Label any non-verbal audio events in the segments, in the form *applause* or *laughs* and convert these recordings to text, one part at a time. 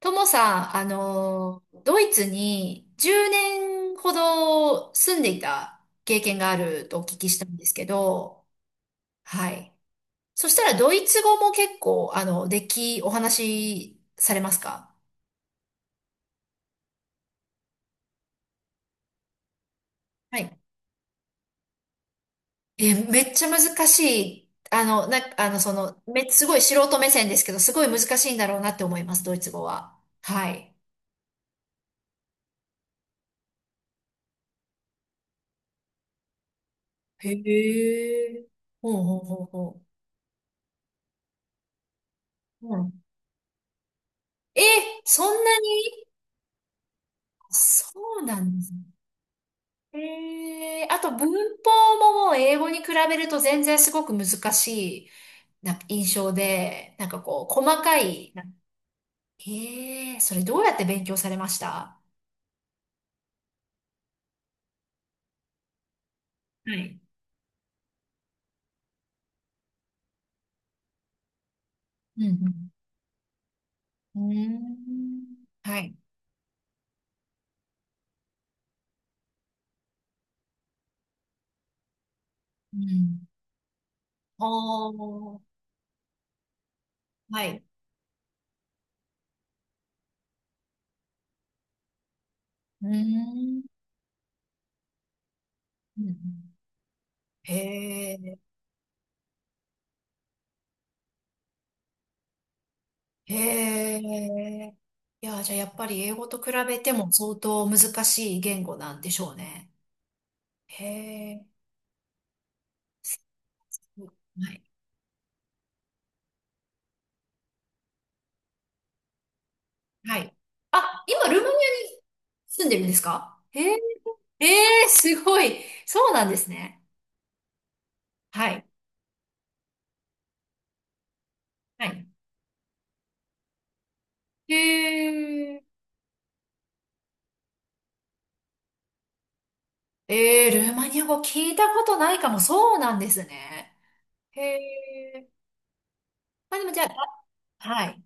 ともさん、ドイツに10年ほど住んでいた経験があるとお聞きしたんですけど、はい。そしたらドイツ語も結構、お話しされますか？はい。え、めっちゃ難しい。あの、な、あの、その、め、すごい素人目線ですけど、すごい難しいんだろうなって思います、ドイツ語は。はい。へえ。ほうほうほうほう。うん。え、そんなに。そうなんですね。ええ、あと文法ももう英語に比べると全然すごく難しいなんか印象で、なんかこう、細かい、な、え、それどうやって勉強されました？はい。うんうん。うーん。はい。うん。おー。はい。うーん。うんうん。へえ。へえ。いや、じゃあやっぱり英語と比べても相当難しい言語なんでしょうね。へえ。はいはい。あ、今、ルーマニアに住んでるんですか？へえ、ええ、すごい。そうなんですね。はい。はい。へえ、ええ、ルーマニア語聞いたことないかも。そうなんですね。へえ。まあでもじゃあ、はい。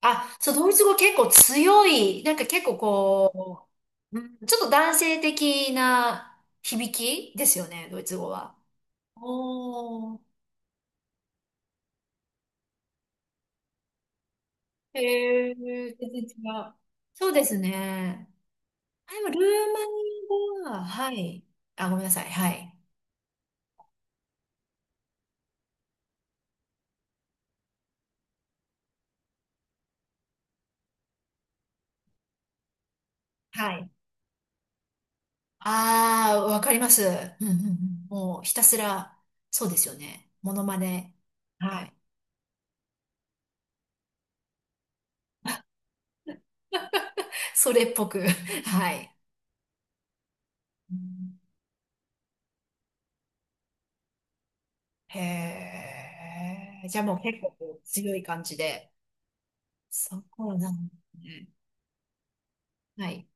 あ、そう、ドイツ語結構強い。なんか結構こう、うん、ちょっと男性的な響きですよね、ドイツ語は。おー。へえ、全然違う。そうですね。あ、でもルーマニアは、はい。あ、ごめんなさい。はい。はい。ああ、わかります。うんうんうん。もうひたすら、そうですよね。モノマネ。はい。*laughs* それっぽく。*laughs* はい。うん。へえ。じゃあもう結構こう強い感じで。そこなんですね。はい。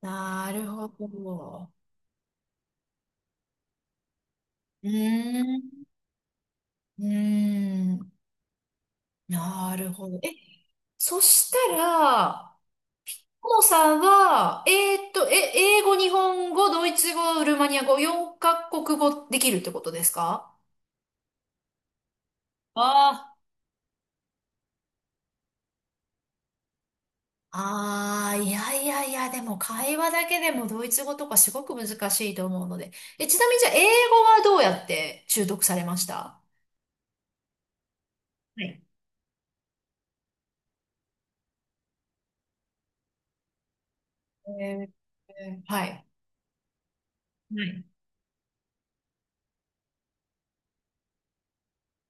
なるほど。うーん。うーん。なるほど。え、そしたら、ももさんは、英語、日本語、ドイツ語、ルーマニア語、4カ国語できるってことですか？ああ、あー、いやいやいや、でも会話だけでもドイツ語とかすごく難しいと思うので。え、ちなみにじゃあ、英語はどうやって習得されました？はい。えー、はい。はい。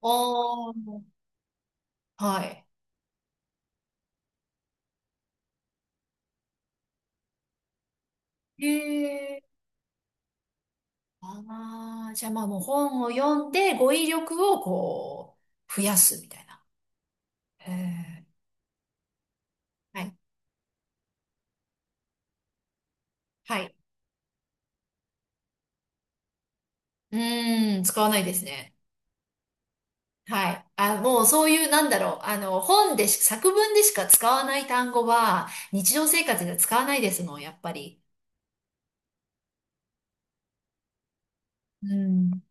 おー、はい。へえ。ああ、じゃあまあもう本を読んで語彙力をこう、増やすみたいな。へえ。はいはい。うーん、使わないですね。はい。あ、もうそういう、なんだろう。本でし、作文でしか使わない単語は、日常生活では使わないですもん、やっぱり。うん。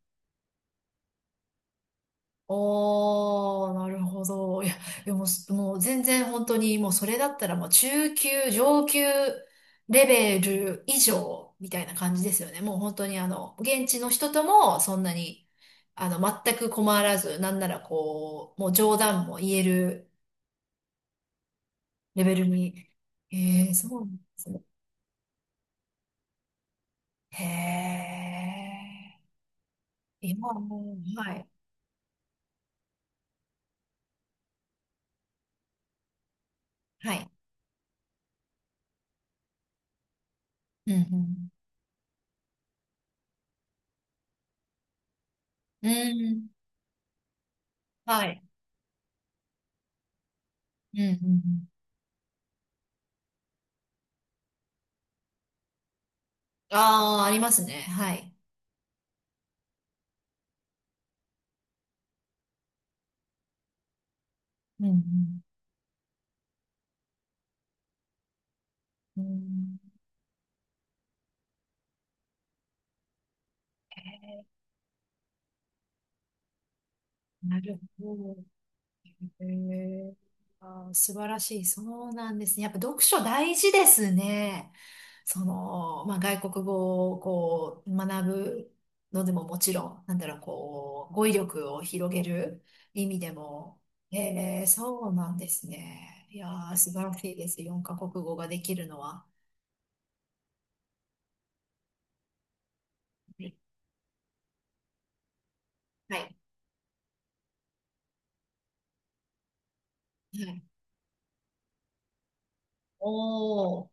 おー、なるほど。いや、でも、もう全然本当に、もうそれだったらもう中級、上級レベル以上みたいな感じですよね。もう本当に、現地の人ともそんなに、あの、全く困らず、なんならこう、もう冗談も言える。レベルに。ええ、そうなんですね。へえ。今はもう、はい。はい。うん、うん。うん。はい。うん、うん。うん。ああー、ありますね。はい。うん、うん。うん。なるほど。えー、あー、素晴らしい。そうなんですね。やっぱ読書大事ですね。その、まあ、外国語をこう学ぶのでももちろん、なんだろう、こう、語彙力を広げる意味でも。えー、そうなんですね。いやー、素晴らしいです。四カ国語ができるのは。はい。はい。はい。おー、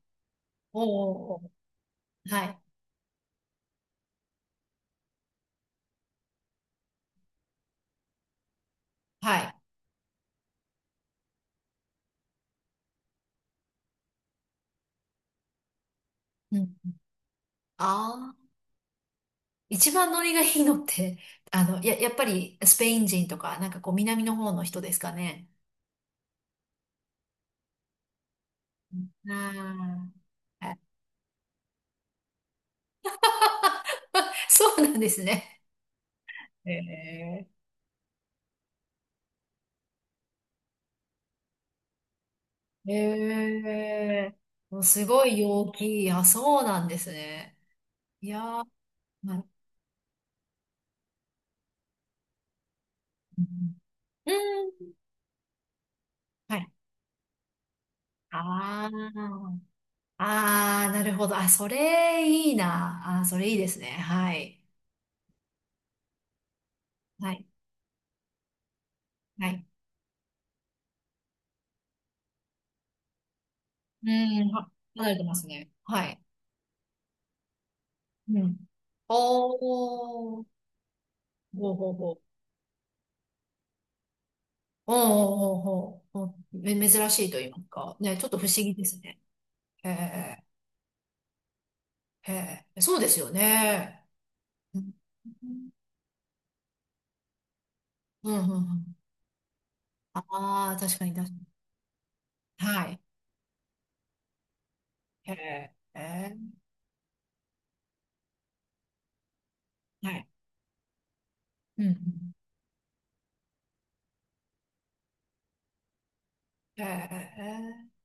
おー、はい。はい。うん。あ、一番ノリがいいのって、やっぱりスペイン人とか、なんかこう南の方の人ですかね。ああー、はい。 *laughs* そうなんですね。へえ。へえ。もうすごい陽気。あ、そうなんですね。いやー、なる、うんうん、はい。ああ、ああ、なるほど。あ、それいいな。あー、それいいですね。はい。はい。はい。うん、は、離れてますね。はい。うん。おー。ほうほうほう。おーおーおーおーおー、め、珍しいと言いますか。ね、ちょっと不思議ですね。へえ、へえ、そうですよね。うん、うん、うん。ああ、確かに、確かに。はい。へえ、へえ、はい。うん、うん。へえ、へえ。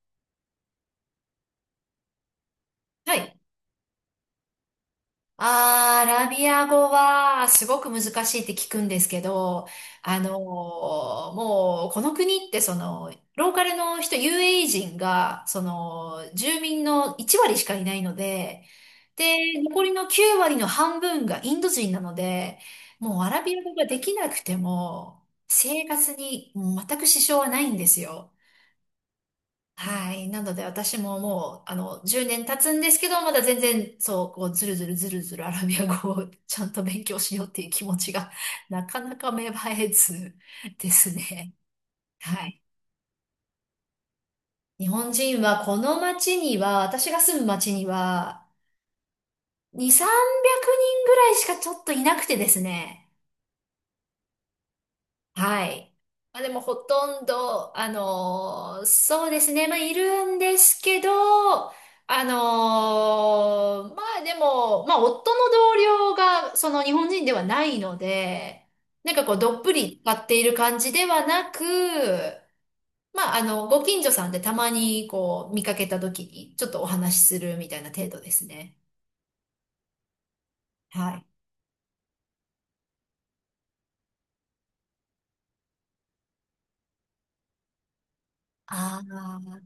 はい。うんうん。へ、へえ。はい。あー、アラビア語はすごく難しいって聞くんですけど、あのー、もうこの国ってその、ローカルの人、UAE 人が、その、住民の1割しかいないので、で、残りの9割の半分がインド人なので、もうアラビア語ができなくても、生活に全く支障はないんですよ。はい。なので私ももう、10年経つんですけど、まだ全然、そう、こう、ずるずるずるずるアラビア語をちゃんと勉強しようっていう気持ちが、なかなか芽生えずですね。はい。日本人はこの町には、私が住む町には、2、300人ぐらいしかちょっといなくてですね。はい。まあ、でもほとんど、あのー、そうですね。まあ、いるんですけど、あのー、まあでも、まあ、夫の同僚が、その日本人ではないので、なんかこう、どっぷり使っている感じではなく、まあ、ご近所さんでたまにこう、見かけた時に、ちょっとお話しするみたいな程度ですね。はい。ああ。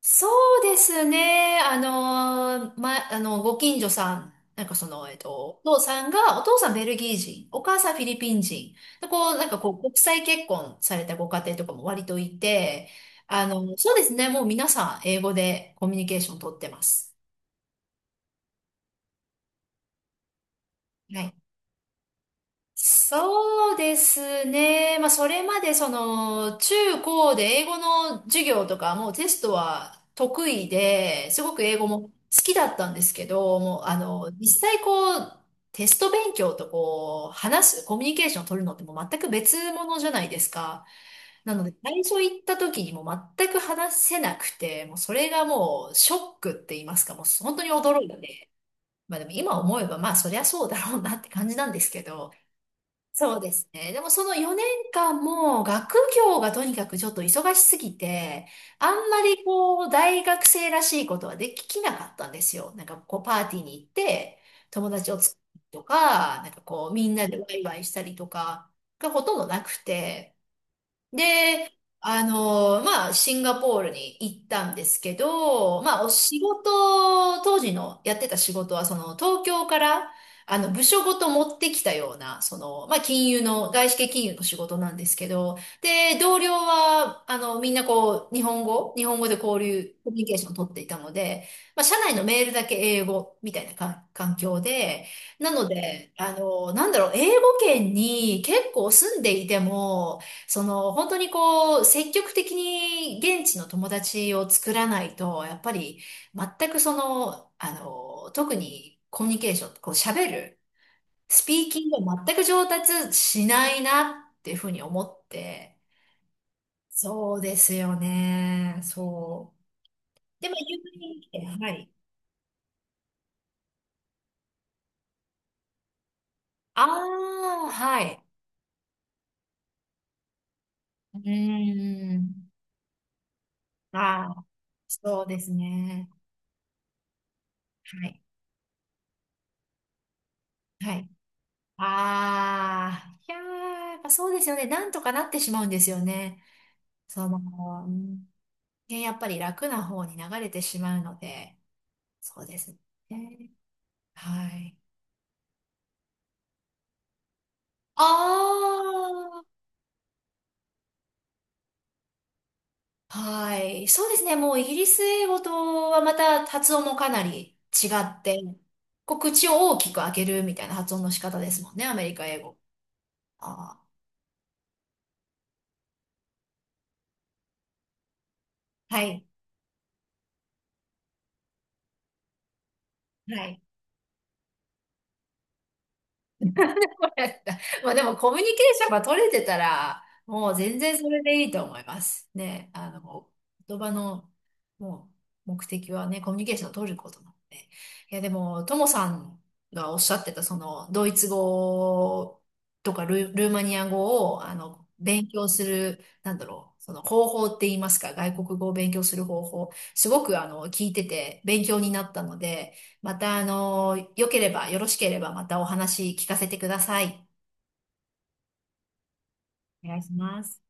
そうですね。あの、ま、あの、ご近所さん、なんかその、えっと、お父さんベルギー人、お母さんフィリピン人、でこう、なんかこう、国際結婚されたご家庭とかも割といて、そうですね。もう皆さん、英語でコミュニケーション取ってます。はい。そうですね。まあ、それまでその、中高で英語の授業とか、もうテストは得意で、すごく英語も好きだったんですけど、もう、実際こう、テスト勉強とこう、話す、コミュニケーションを取るのってもう全く別物じゃないですか。なので、最初行った時にもう全く話せなくて、もうそれがもうショックって言いますか、もう本当に驚いて、まあでも今思えば、まあそりゃそうだろうなって感じなんですけど、そうですね。でもその4年間も学業がとにかくちょっと忙しすぎて、あんまりこう大学生らしいことはできなかったんですよ。なんかこうパーティーに行って友達を作るとか、なんかこうみんなでワイワイしたりとかがほとんどなくて、で、まあ、シンガポールに行ったんですけど、まあ、お仕事、当時のやってた仕事は、その、東京から、部署ごと持ってきたような、その、まあ、金融の、外資系金融の仕事なんですけど、で、同僚は、みんなこう、日本語、日本語で交流、コミュニケーションを取っていたので、まあ、社内のメールだけ英語みたいなか環境で、なので、なんだろう、英語圏に結構住んでいても、その、本当にこう、積極的に現地の友達を作らないと、やっぱり、全くその、あの、特にコミュニケーション、こう喋る、スピーキングが全く上達しないなっていうふうに思って、そうですよね、そう。でも、有名に来て、はい。ああ、はい。うーん。ああ、そうですね。はい。はい。ああ、いやー、やっぱそうですよね。なんとかなってしまうんですよね。その、うん、ね、やっぱり楽な方に流れてしまうので、そうですね。はい。ああ、はい。そうですね。もうイギリス英語とはまた発音もかなり違って、こう口を大きく開けるみたいな発音の仕方ですもんね。アメリカ英語。ああ、はい。はい。*laughs* やった。まあでもコミュニケーションが取れてたら、もう全然それでいいと思います。ね、言葉の、もう、目的はね、コミュニケーションを取ることなので。いや、でも、ともさんがおっしゃってた、その、ドイツ語とか、ル、ルーマニア語を、勉強する、なんだろう、その方法って言いますか、外国語を勉強する方法、すごく、聞いてて、勉強になったので、また、良ければ、よろしければ、またお話聞かせてください。お願いします。